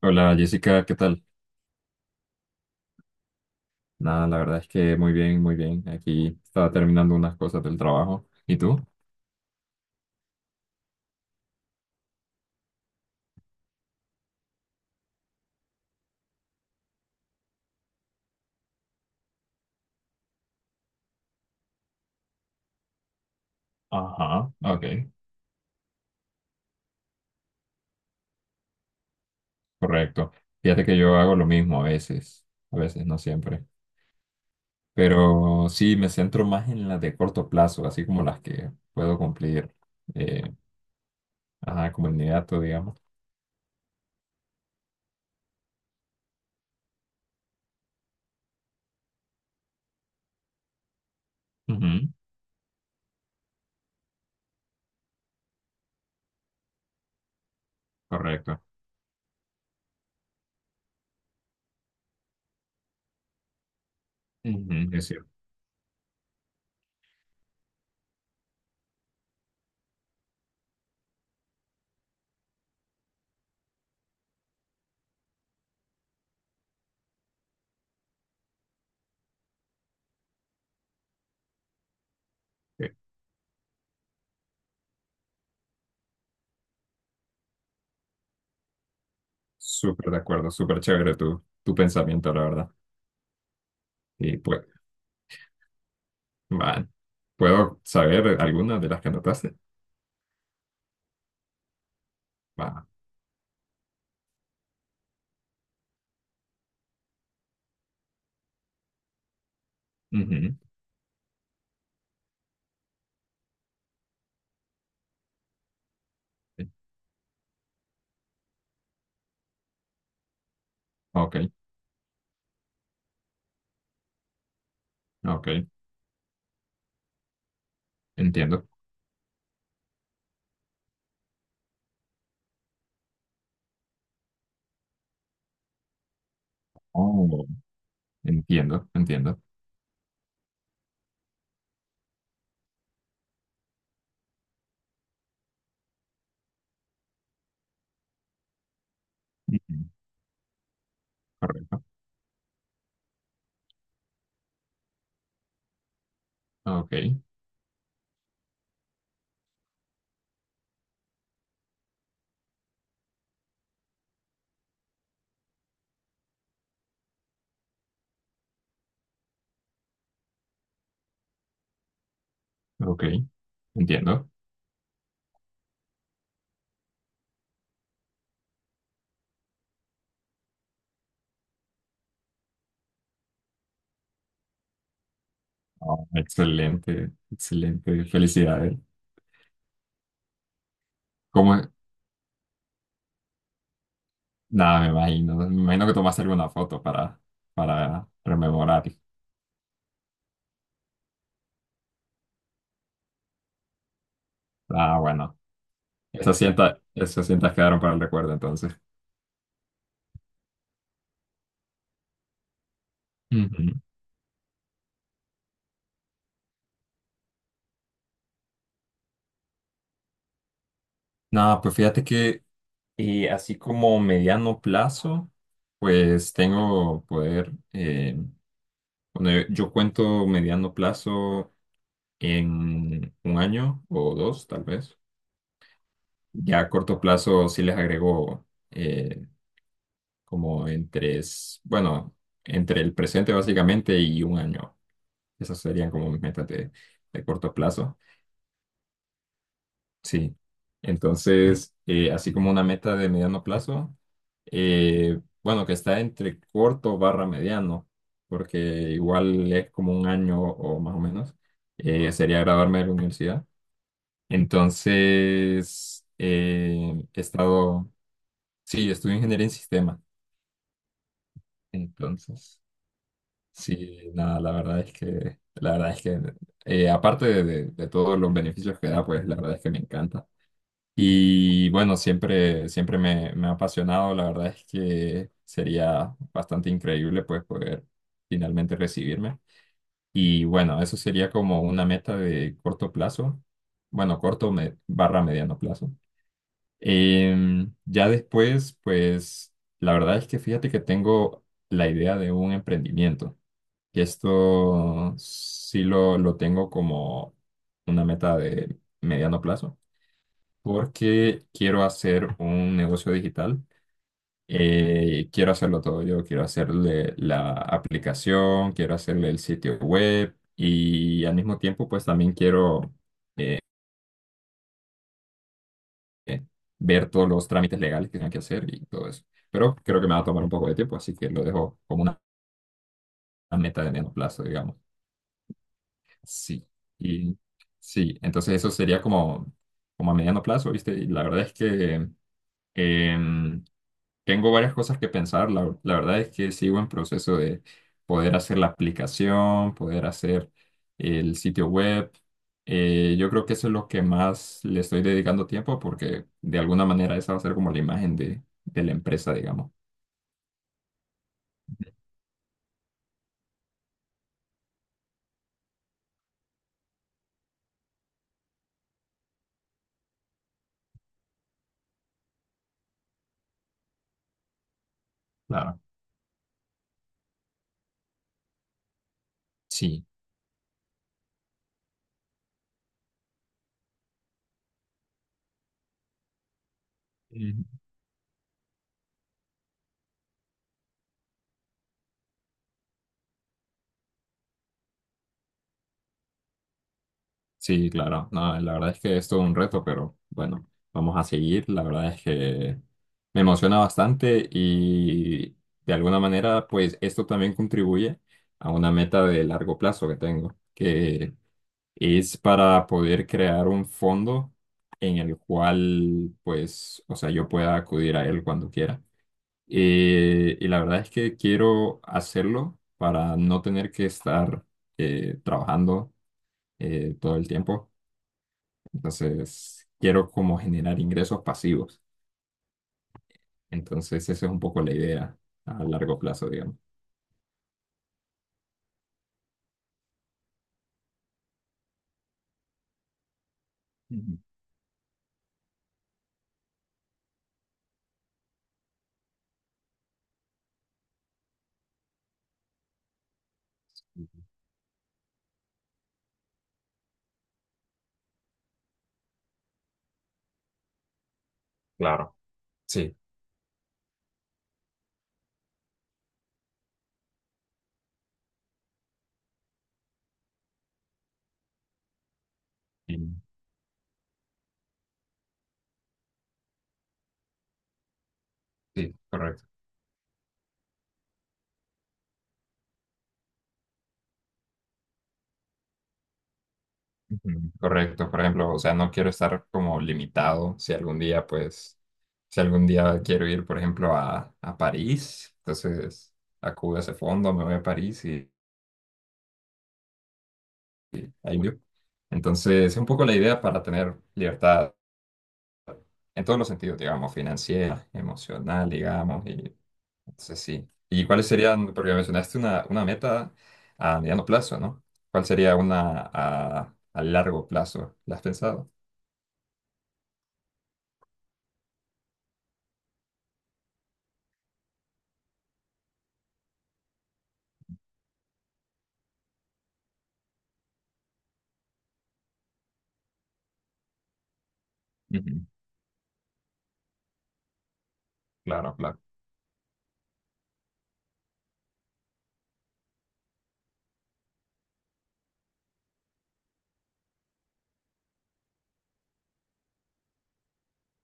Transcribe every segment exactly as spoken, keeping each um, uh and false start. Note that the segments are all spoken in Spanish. Hola Jessica, ¿qué tal? Nada, la verdad es que muy bien, muy bien. Aquí estaba terminando unas cosas del trabajo. ¿Y tú? Ajá, ok, correcto. Fíjate que yo hago lo mismo a veces, a veces, no siempre. Pero sí, me centro más en las de corto plazo, así como las que puedo cumplir, eh, ajá, como inmediato, digamos. Ujú, correcto. Ujú, es cierto. Ok. Súper de acuerdo, súper chévere tu, tu pensamiento, la verdad. Y pues, va, ¿puedo saber algunas de las que anotaste? Va. Ujú. Sí. Ok, ok, entiendo. Oh, entiendo, entiendo. Ujú, correcto. Ok, ok, entiendo. Oh, excelente, excelente. Felicidades. ¿Cómo es? Nada, me imagino. Me imagino que tomaste alguna foto para, para rememorar. Ah, bueno. Esas cintas, esas cintas quedaron para el recuerdo entonces. Ujú. Nada, pues fíjate que eh, así como mediano plazo, pues tengo poder. Bueno, yo yo cuento mediano plazo en un año o dos, tal vez. Ya a corto plazo sí les agrego eh, como entre, s- bueno, entre el presente básicamente y un año. Esas serían como mis metas de, de corto plazo. Sí. Entonces, eh, así como una meta de mediano plazo, eh, bueno, que está entre corto barra mediano, porque igual es como un año o más o menos, eh, sería graduarme de la universidad. Entonces, eh, he estado, sí, estudio ingeniería en sistemas. Entonces, sí, nada, la verdad es que, la verdad es que, eh, aparte de, de- de todos los beneficios que da, pues la verdad es que me encanta. Y bueno, siempre, siempre me, me ha apasionado. La verdad es que sería bastante increíble, pues, poder finalmente recibirme. Y bueno, eso sería como una meta de corto plazo. Bueno, corto me- barra mediano plazo. Em, ya después, pues la verdad es que fíjate que tengo la idea de un emprendimiento. Y esto sí lo, lo tengo como una meta de mediano plazo, porque quiero hacer un negocio digital. Eh, quiero hacerlo todo yo, quiero hacerle la aplicación, quiero hacerle el sitio web y al mismo tiempo, pues también quiero eh, ver todos los trámites legales que tenga que hacer y todo eso. Pero creo que me va a tomar un poco de tiempo, así que lo dejo como una meta de mediano plazo, digamos. Sí, y sí, entonces eso sería como, como a mediano plazo, ¿viste? Y la verdad es que em, tengo varias cosas que pensar. La, la verdad es que sigo en proceso de poder hacer la aplicación, poder hacer el sitio web. Eh, yo creo que eso es lo que más le estoy dedicando tiempo porque de alguna manera esa va a ser como la imagen de, de la empresa, digamos. Claro. Sí. Sí, claro. No, la verdad es que es todo un reto, pero bueno, vamos a seguir. La verdad es que me emociona bastante y de alguna manera, pues esto también contribuye a una meta de largo plazo que tengo, que es para poder crear un fondo en el cual, pues, o sea, yo pueda acudir a él cuando quiera. Eh, y la verdad es que quiero hacerlo para no tener que estar eh, trabajando eh, todo el tiempo entonces, quiero como generar ingresos pasivos. Entonces, esa es un poco la idea a largo plazo, digamos. Ujú. Claro, sí, y- sí, correcto. Ujú, correcto, por ejemplo, o sea, no quiero estar como limitado si algún día, pues, si algún día quiero ir, por ejemplo, a, a París, entonces acudo a ese fondo, me voy a París y ahí voy. Entonces, es un poco la idea para tener libertad en todos los sentidos, digamos, financiera, emocional, digamos, y sí, sí. ¿Y cuáles serían, porque mencionaste una, una meta a mediano plazo, ¿no? ¿Cuál sería una a, a largo plazo? ¿La has pensado? Ujú. Claro, claro.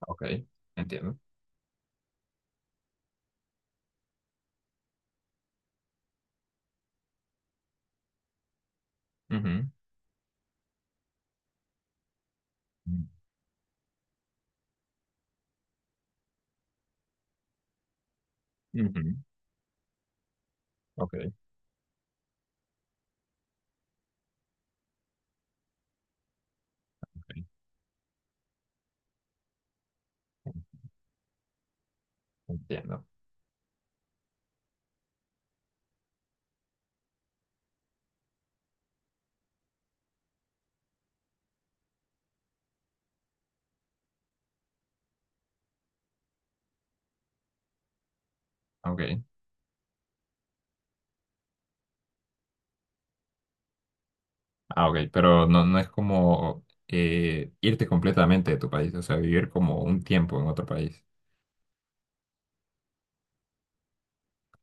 Ok, entiendo. Ujú. Ujú. Ok, ok. Entiendo. Ok. Ah, ok, pero no, no es como eh, irte completamente de tu país, o sea, vivir como un tiempo en otro país.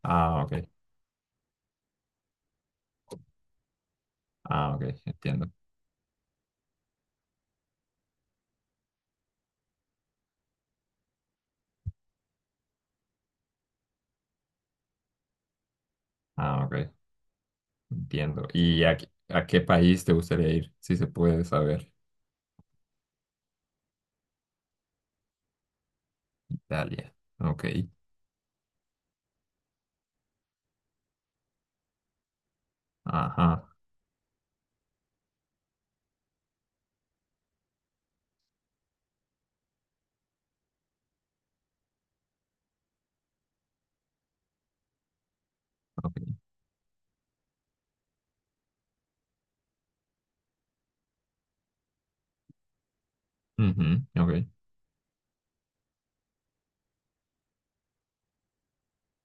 Ah, ok. Ah, ok, entiendo. Ah, ok, entiendo. ¿Y a, qué- a qué país te gustaría ir, si se puede saber? Italia. Ok. Ajá. Ok. Ujú, ok.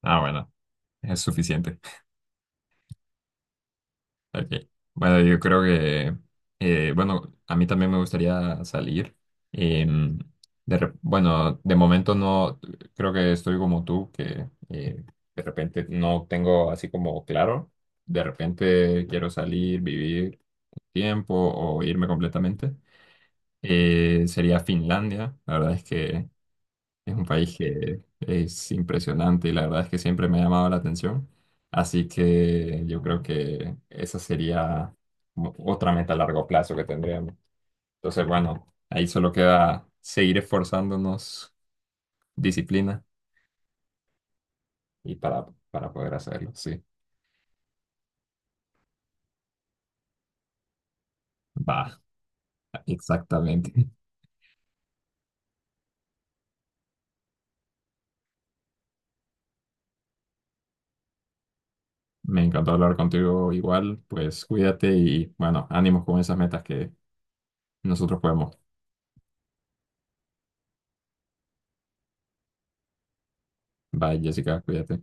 Ah, bueno. Es suficiente. Ok. Bueno, yo creo que, eh, bueno, a mí también me gustaría salir. Em, de rep- bueno, de momento no, creo que estoy como tú, que eh, de repente no tengo así como claro. De repente quiero salir, vivir tiempo o irme completamente. Eh, sería Finlandia. La verdad es que... Es un país que es impresionante y la verdad es que siempre me ha llamado la atención. Así que yo creo que esa sería mo- otra meta a largo plazo que tendríamos. Entonces, bueno, ahí solo queda seguir esforzándonos, disciplina y para, para poder hacerlo, sí. Va, exactamente. Me encantó hablar contigo igual, pues cuídate y bueno, ánimos con esas metas que nosotros podemos. Bye, Jessica, cuídate.